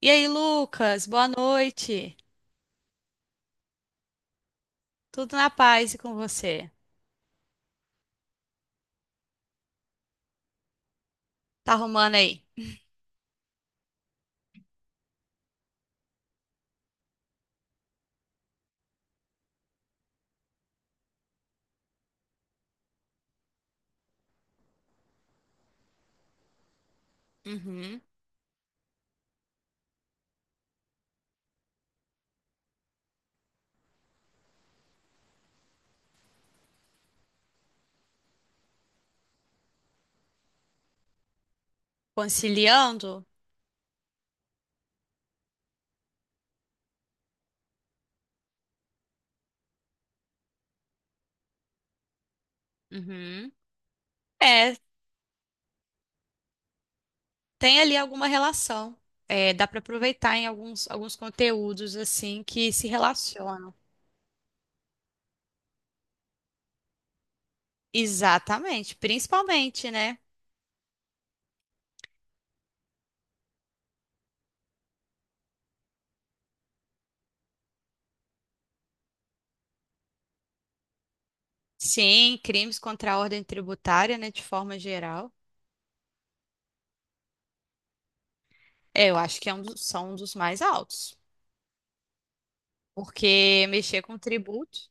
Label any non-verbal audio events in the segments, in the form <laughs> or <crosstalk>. E aí, Lucas, boa noite. Tudo na paz e com você? Tá arrumando aí? Uhum. Conciliando? Uhum. É, tem ali alguma relação. É, dá para aproveitar em alguns, alguns conteúdos assim que se relacionam. Exatamente, principalmente, né? Sim, crimes contra a ordem tributária, né, de forma geral. É, eu acho que é um dos- são um dos mais altos, porque mexer com tributos.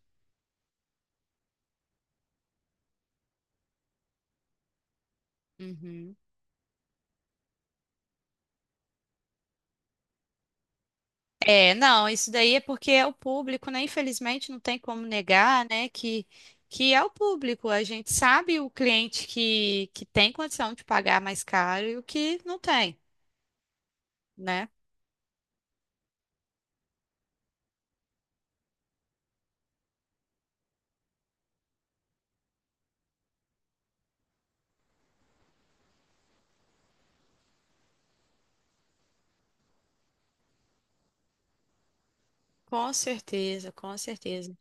É, não, isso daí é porque é o público, né? Infelizmente não tem como negar, né? Que é o público. A gente sabe o cliente que tem condição de pagar mais caro e o que não tem, né? Com certeza, com certeza.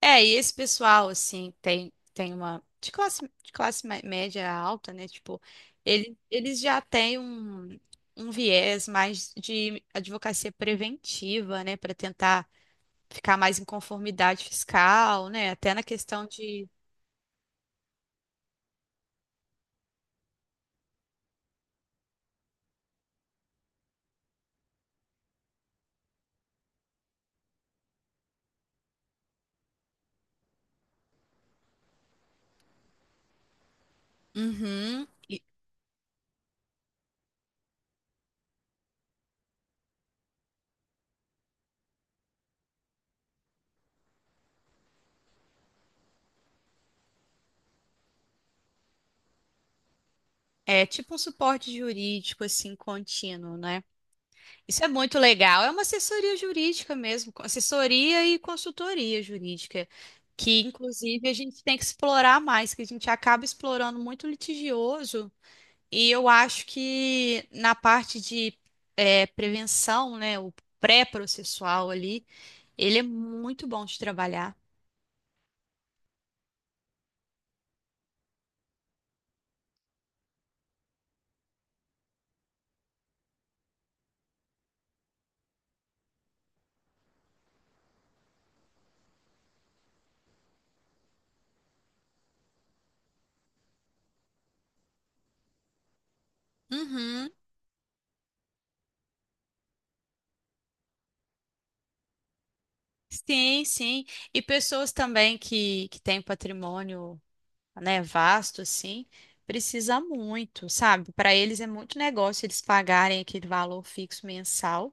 É, e esse pessoal, assim, tem, tem uma. De classe mé- média alta, né? Tipo, ele, eles já têm um, um viés mais de advocacia preventiva, né? Para tentar ficar mais em conformidade fiscal, né? Até na questão de. Uhum. E é tipo um suporte jurídico, assim, contínuo, né? Isso é muito legal. É uma assessoria jurídica mesmo, co- assessoria e consultoria jurídica, que inclusive a gente tem que explorar mais, que a gente acaba explorando muito litigioso. E eu acho que na parte de prevenção, né, o pré-processual ali, ele é muito bom de trabalhar. Uhum. Sim, sim. E pessoas também que têm patrimônio, né, vasto, assim, precisa muito, sabe? Para eles é muito negócio eles pagarem aquele valor fixo mensal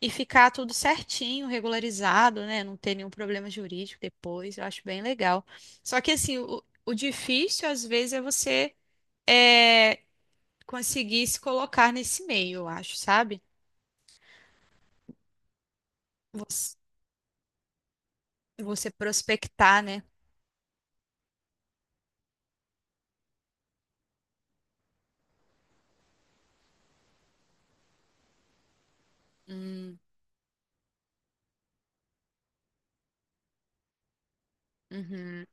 e ficar tudo certinho, regularizado, né? Não ter nenhum problema jurídico depois. Eu acho bem legal. Só que, assim, o difícil, às vezes, é você é, conseguir se colocar nesse meio, eu acho, sabe? Você, você prospectar, né? Uhum.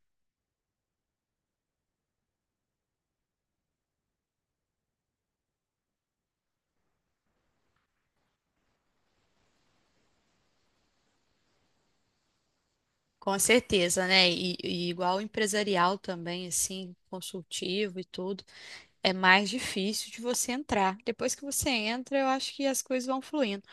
Com certeza, né? E igual empresarial também, assim, consultivo e tudo, é mais difícil de você entrar. Depois que você entra, eu acho que as coisas vão fluindo.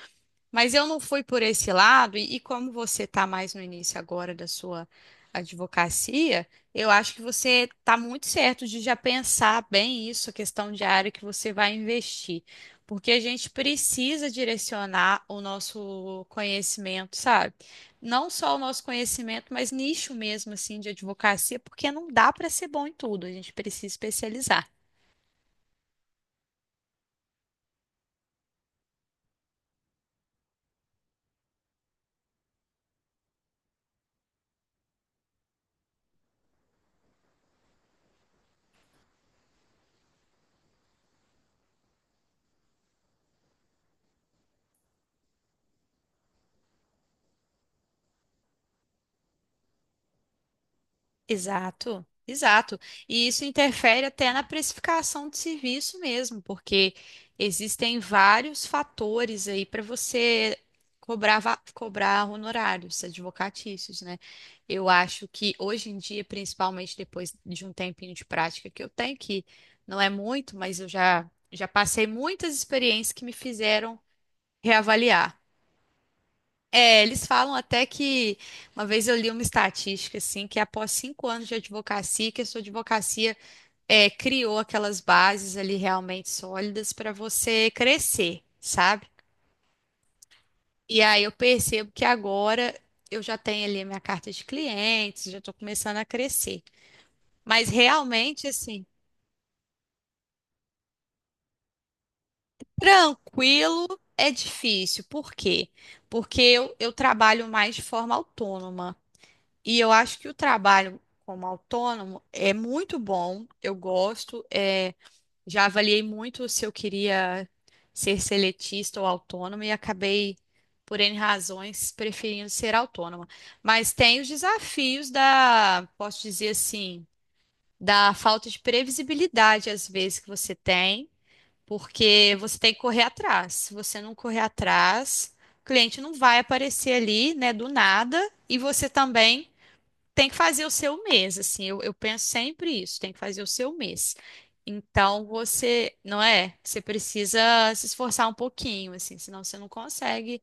Mas eu não fui por esse lado, e como você está mais no início agora da sua advocacia, eu acho que você está muito certo de já pensar bem isso, a questão de área que você vai investir. Porque a gente precisa direcionar o nosso conhecimento, sabe? Não só o nosso conhecimento, mas nicho mesmo assim de advocacia, porque não dá para ser bom em tudo, a gente precisa especializar. Exato, exato. E isso interfere até na precificação de serviço mesmo, porque existem vários fatores aí para você cobrar, va- cobrar honorários advocatícios, né? Eu acho que hoje em dia, principalmente depois de um tempinho de prática que eu tenho, que não é muito, mas eu já, já passei muitas experiências que me fizeram reavaliar. É, eles falam até que uma vez eu li uma estatística assim que após cinco anos de advocacia, que a sua advocacia criou aquelas bases ali realmente sólidas para você crescer, sabe? E aí eu percebo que agora eu já tenho ali a minha carta de clientes, já estou começando a crescer. Mas realmente assim, tranquilo é difícil. Por quê? Porque eu trabalho mais de forma autônoma. E eu acho que o trabalho como autônomo é muito bom, eu gosto. Já avaliei muito se eu queria ser seletista ou autônoma e acabei, por N razões, preferindo ser autônoma. Mas tem os desafios da, posso dizer assim, da falta de previsibilidade às vezes que você tem, porque você tem que correr atrás. Se você não correr atrás, o cliente não vai aparecer ali, né, do nada, e você também. Tem que fazer o seu mês, assim, eu penso sempre isso, tem que fazer o seu mês. Então você, não é? Você precisa se esforçar um pouquinho, assim, senão você não consegue.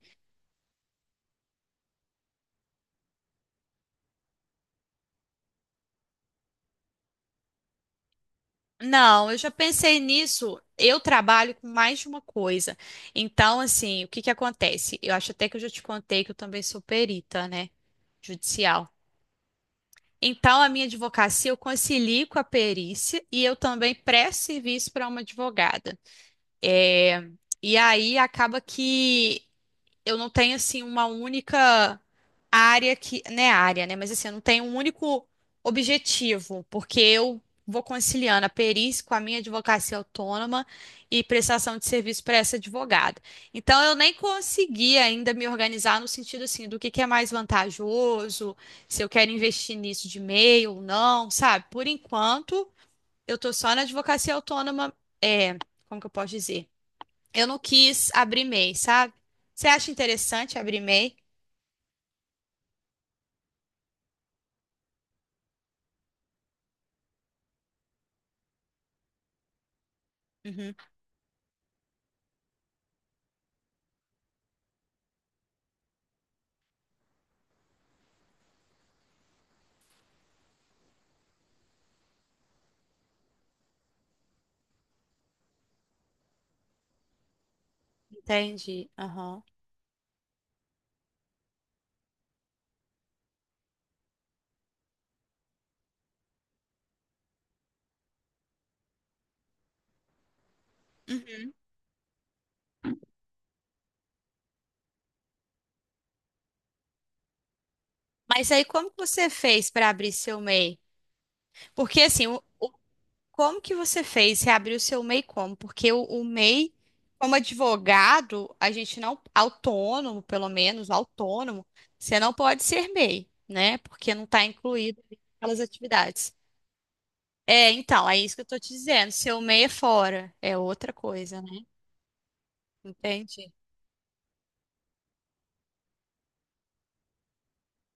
Não, eu já pensei nisso. Eu trabalho com mais de uma coisa. Então, assim, o que que acontece? Eu acho até que eu já te contei que eu também sou perita, né? Judicial. Então, a minha advocacia eu concilio com a perícia e eu também presto serviço para uma advogada. É, e aí acaba que eu não tenho assim uma única área que, né, área, né, mas assim, eu não tenho um único objetivo, porque eu vou conciliando a perícia com a minha advocacia autônoma e prestação de serviço para essa advogada. Então eu nem consegui ainda me organizar no sentido assim do que é mais vantajoso, se eu quero investir nisso de meio ou não, sabe? Por enquanto, eu tô só na advocacia autônoma, é, como que eu posso dizer? Eu não quis abrir MEI, sabe? Você acha interessante abrir MEI? Uhum, entendi. Aham. Mas aí como que você fez para abrir seu MEI? Porque assim, o- como que você fez? Você abriu seu MEI como? Porque o MEI, como advogado, a gente não, autônomo, pelo menos, autônomo, você não pode ser MEI, né? Porque não está incluído aquelas atividades. É, então, é isso que eu tô te dizendo. Seu MEI é fora, é outra coisa, né? Entendi.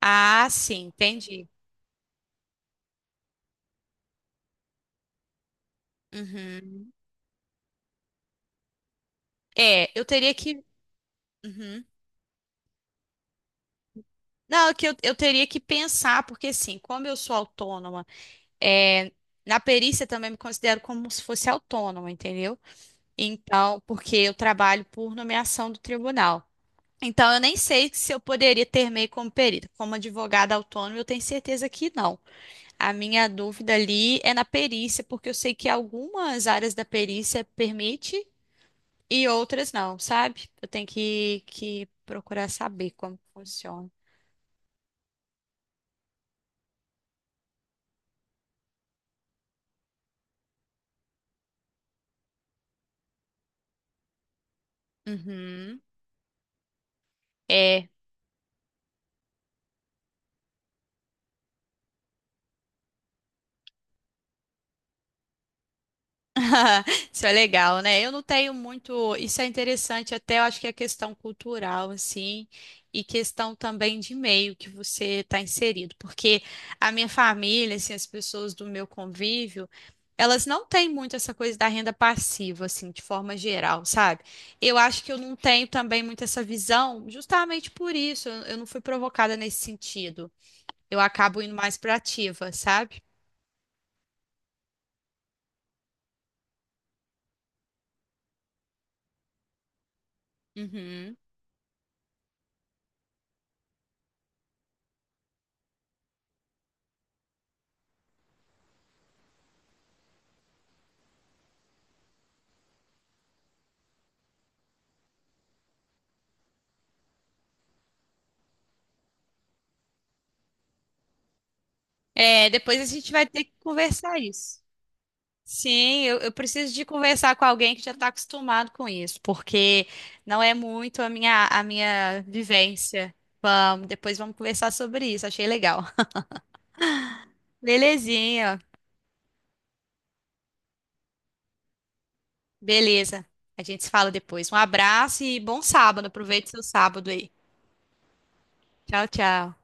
Ah, sim, entendi. Uhum. É, eu teria que. Uhum. Não, é que eu teria que pensar, porque assim, como eu sou autônoma, é, na perícia também me considero como se fosse autônoma, entendeu? Então, porque eu trabalho por nomeação do tribunal. Então, eu nem sei se eu poderia ter meio como perito. Como advogada autônoma, eu tenho certeza que não. A minha dúvida ali é na perícia, porque eu sei que algumas áreas da perícia permite e outras não, sabe? Eu tenho que procurar saber como funciona. Uhum. É, <laughs> isso é legal, né? Eu não tenho muito. Isso é interessante, até eu acho que é questão cultural, assim, e questão também de meio que você está inserido, porque a minha família, assim, as pessoas do meu convívio, elas não têm muito essa coisa da renda passiva, assim, de forma geral, sabe? Eu acho que eu não tenho também muito essa visão, justamente por isso, eu não fui provocada nesse sentido. Eu acabo indo mais para ativa, sabe? Uhum. É, depois a gente vai ter que conversar isso. Sim, eu preciso de conversar com alguém que já está acostumado com isso, porque não é muito a minha vivência. Vamos, depois vamos conversar sobre isso, achei legal. Belezinha, beleza. A gente se fala depois. Um abraço e bom sábado, aproveite seu sábado aí. Tchau, tchau.